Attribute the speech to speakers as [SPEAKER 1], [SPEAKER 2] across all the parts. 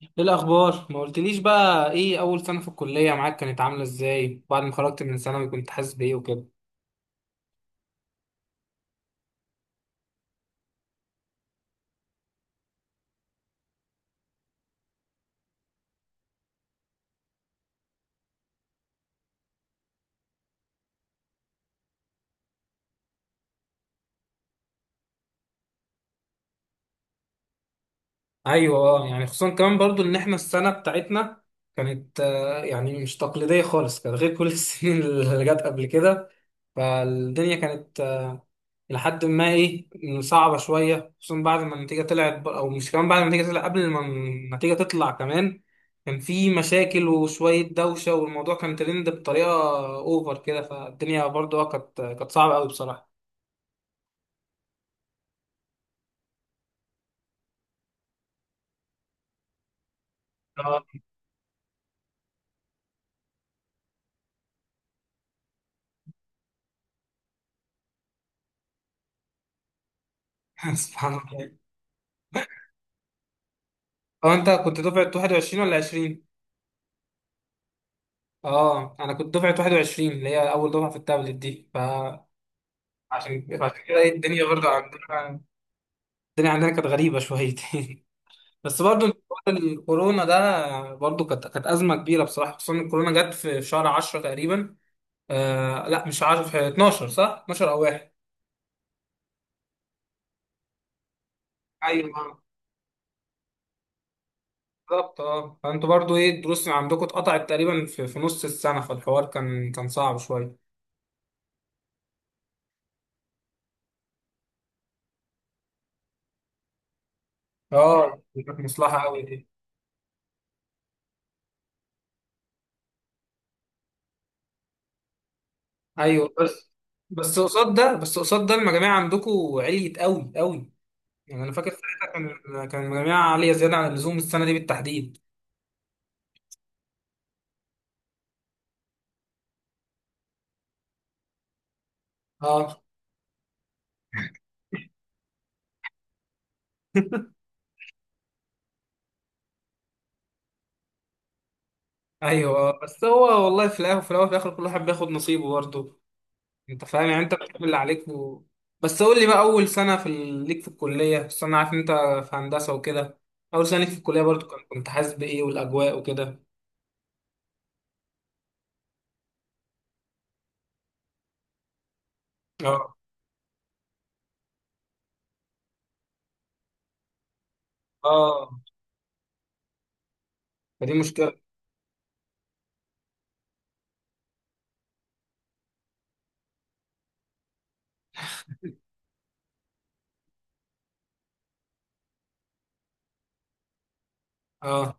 [SPEAKER 1] ايه الاخبار؟ ما قلتليش بقى، ايه اول سنه في الكليه معاك كانت عامله ازاي؟ بعد ما خرجت من ثانوي كنت حاسس بايه وكده؟ ايوه، يعني خصوصا كمان برضو ان احنا السنه بتاعتنا كانت يعني مش تقليديه خالص، كانت غير كل السنين اللي جت قبل كده. فالدنيا كانت لحد ما ايه، صعبة شوية. خصوصا بعد ما النتيجة طلعت او مش كمان بعد ما النتيجة طلعت، قبل ما النتيجة تطلع كمان، كان في مشاكل وشوية دوشة، والموضوع كان ترند بطريقة اوفر كده. فالدنيا برضه كانت صعبة قوي بصراحة. اه. سبحان الله. هو انت كنت دفعة 21 ولا 20؟ اه، انا كنت دفعة 21 اللي هي اول دفعة في التابلت دي. فعشان عشان كده، الدنيا عندنا كانت غريبة شويتين. بس برضو حوار الكورونا ده برضو كانت ازمه كبيره بصراحه، خصوصا إن الكورونا جت في شهر 10 تقريبا. آه لا، مش 10، في 12. صح، 12 او 1. ايوه بالظبط. اه فانتوا برضو ايه، الدروس اللي عندكم اتقطعت تقريبا في نص السنه، فالحوار كان صعب شويه. اه، دي كانت مصلحه قوي دي. ايوه. بس قصاد ده المجاميع عندكم عليت قوي قوي. يعني انا فاكر ساعتها كان المجاميع عاليه، زياده عن اللزوم السنه دي بالتحديد. اه. ايوه. بس هو والله، في الاخر، في الاخر كل واحد بياخد نصيبه برضه. انت فاهم، يعني انت بتعمل اللي عليك. بس قول لي بقى، اول سنه ليك في الكليه. بس انا عارف إن انت في هندسه وكده. اول سنه ليك في الكليه برضه كنت حاسس بايه والاجواء وكده؟ اه، اه، فدي مشكله. اه،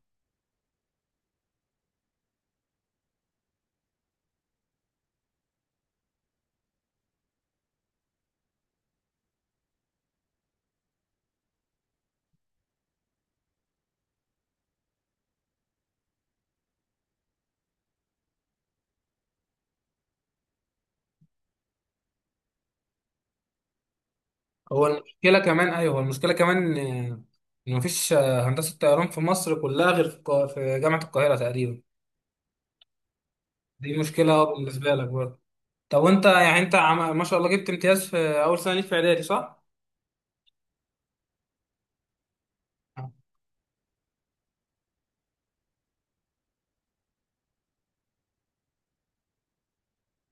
[SPEAKER 1] هو المشكله كمان، ايوه، هو المشكله كمان ان مفيش هندسه طيران في مصر كلها غير في جامعه القاهره تقريبا. دي مشكله بالنسبه لك برضه. طب وانت، يعني انت ما شاء الله جبت امتياز في اول سنه ليك في اعدادي، صح؟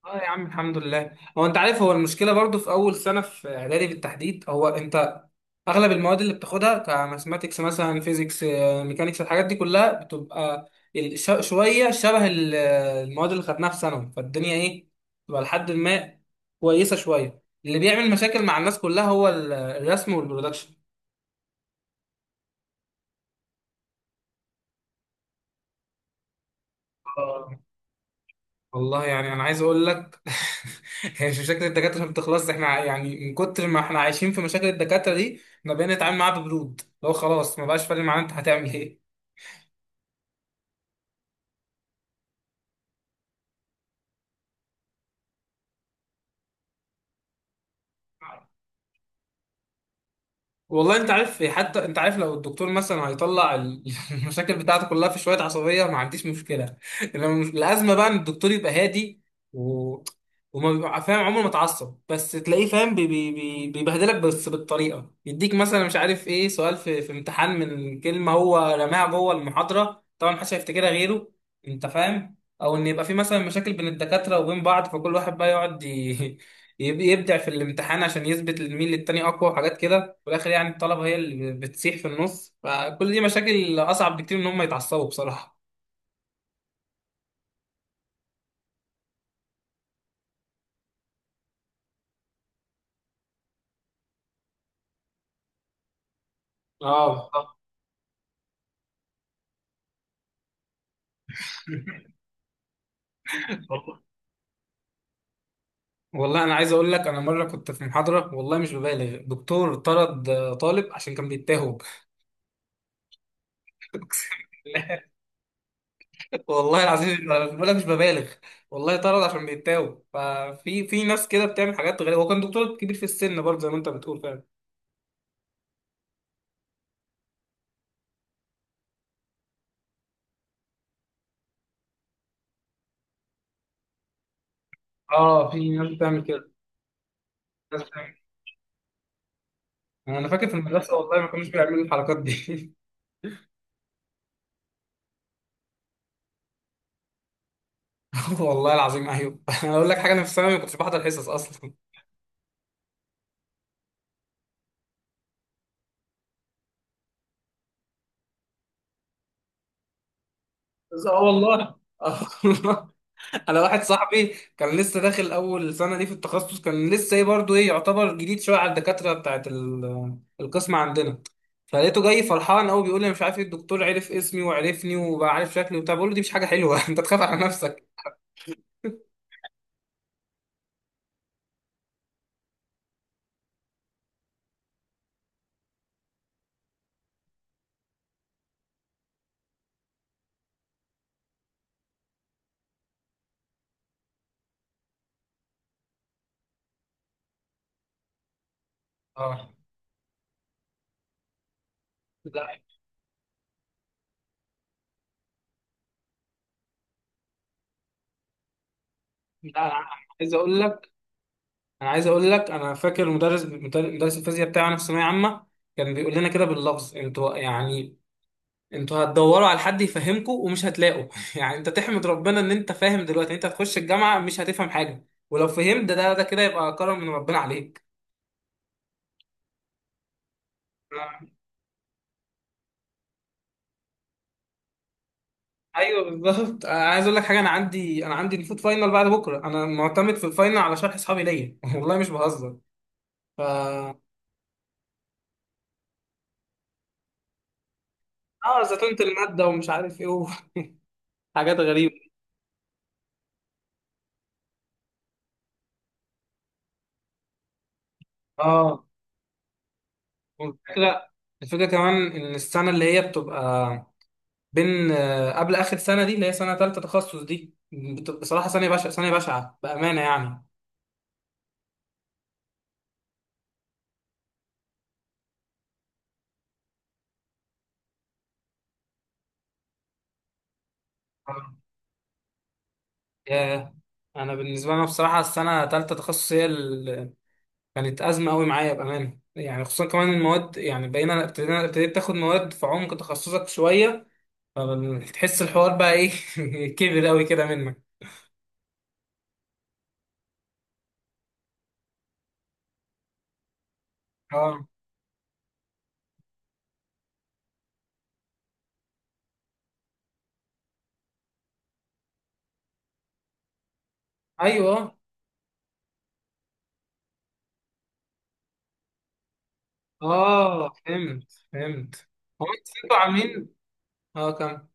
[SPEAKER 1] اه يا عم، الحمد لله. هو انت عارف، هو المشكله برضو في اول سنه في اعدادي بالتحديد. هو انت اغلب المواد اللي بتاخدها، كماثماتكس مثلا، فيزيكس، ميكانيكس، الحاجات دي كلها بتبقى شويه شبه المواد اللي خدناها في ثانوي. فالدنيا ايه، بتبقى لحد ما كويسه شويه. اللي بيعمل مشاكل مع الناس كلها هو الرسم والبرودكشن. والله يعني انا عايز اقول لك. هي مش مشاكل الدكاتره ما بتخلص، احنا يعني من كتر ما احنا عايشين في مشاكل الدكاتره دي، احنا بقينا نتعامل معاها ببرود. لو خلاص، ما بقاش فارق معانا، انت هتعمل ايه؟ والله انت عارف. حتى انت عارف لو الدكتور مثلا هيطلع المشاكل بتاعته كلها في شويه عصبيه، ما عنديش مشكله. انما الازمه بقى ان الدكتور يبقى هادي، و... وما بيبقى فاهم، عمره ما اتعصب، بس تلاقيه فاهم بيبهدلك، بس بالطريقه يديك مثلا، مش عارف ايه، سؤال في امتحان من كلمه هو رماها جوه المحاضره، طبعا محدش هيفتكرها غيره. انت فاهم؟ او ان يبقى في مثلا مشاكل بين الدكاتره وبين بعض، فكل واحد بقى يقعد يبدع في الامتحان عشان يثبت مين للتاني اقوى، وحاجات كده. في الاخر يعني الطلبه هي اللي بتسيح في النص، فكل دي مشاكل اصعب بكتير من ان هم يتعصبوا بصراحه. اه والله. والله انا عايز اقول لك، انا مره كنت في محاضره، والله مش ببالغ، دكتور طرد طالب عشان كان بيتاهب. أقسم بالله. والله العظيم أنا بقول لك مش ببالغ، والله طرد عشان بيتاهب. ففي ناس كده بتعمل حاجات غريبه، هو كان دكتور كبير في السن برضه، زي ما انت بتقول فعلا. اه، في ناس بتعمل كده. ناس بتعمل- انا فاكر في المدرسه والله ما كانوش بيعملوا الحركات دي. والله العظيم، ايوه. انا اقول لك حاجه، انا في الثانوي ما كنتش بحضر حصص اصلا. اه والله. آه والله. انا واحد صاحبي كان لسه داخل اول سنه دي في التخصص، كان لسه ايه برضه، ايه، يعتبر جديد شويه على الدكاتره بتاعت القسم عندنا. فلقيته جاي فرحان قوي، بيقول لي أنا مش عارف ايه، الدكتور عرف اسمي وعرفني وبقى عارف شكلي وبتاع. بقول له دي مش حاجه حلوه. انت تخاف على نفسك. اه، لا لا. عايز اقول لك انا عايز اقول لك، انا فاكر المدرس، مدرس الفيزياء بتاعنا في ثانويه عامه، كان بيقول لنا كده باللفظ: انتوا هتدوروا على حد يفهمكم ومش هتلاقوا. يعني انت تحمد ربنا ان انت فاهم دلوقتي. انت هتخش الجامعة مش هتفهم حاجة، ولو فهمت ده كده يبقى كرم من ربنا عليك. ايوه بالظبط. عايز اقول لك حاجه، انا عندي المفروض فاينل بعد بكره، انا معتمد في الفاينل على شرح اصحابي ليا. والله مش بهزر. ف اه زتونت الماده ومش عارف ايه حاجات غريبه. اه، والفكره كمان ان السنه اللي هي بتبقى بين قبل اخر سنه، دي اللي هي سنه ثالثه تخصص، دي بصراحه ثانيه بشعه، ثانيه بشعه بامانه يعني. آه. ياه. انا بالنسبه لنا بصراحه السنه ثالثه تخصص هي اللي كانت ازمه قوي معايا بامانه يعني، خصوصا كمان المواد، يعني بقينا ابتدينا ابتديت تاخد مواد في عمق تخصصك شويه، فتحس الحوار بقى ايه، كبر قوي كده منك. اه، ايوه، اه، فهمت فهمت. هو انتوا عاملين اه كم؟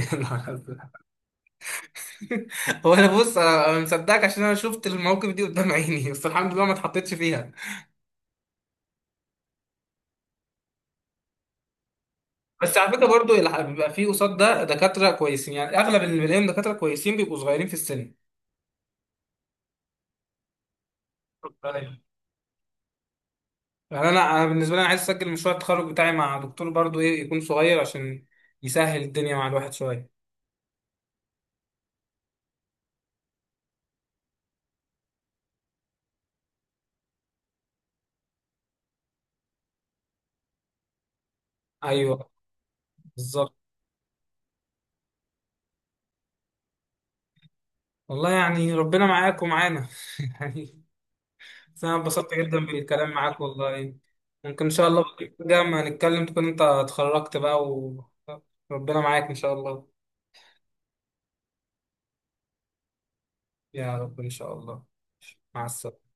[SPEAKER 1] هو انا بص، انا مصدقك عشان انا شفت المواقف دي قدام عيني، بس الحمد لله ما اتحطيتش فيها. بس على فكره برضو، بيبقى فيه قصاد ده دكاتره كويسين، يعني اغلب اللي بلاقيهم دكاتره كويسين بيبقوا صغيرين في السن. أيوة. يعني انا بالنسبه لي، انا عايز اسجل مشروع التخرج بتاعي مع دكتور برضو ايه يكون صغير، عشان يسهل الدنيا مع الواحد شويه. ايوه بالظبط. والله يعني ربنا معاك ومعانا. يعني، بس أنا انبسطت جدا بالكلام معاك والله. ممكن إن شاء الله، بقى ما نتكلم تكون أنت اتخرجت بقى، وربنا معاك إن شاء الله. يا رب إن شاء الله. مع السلامة.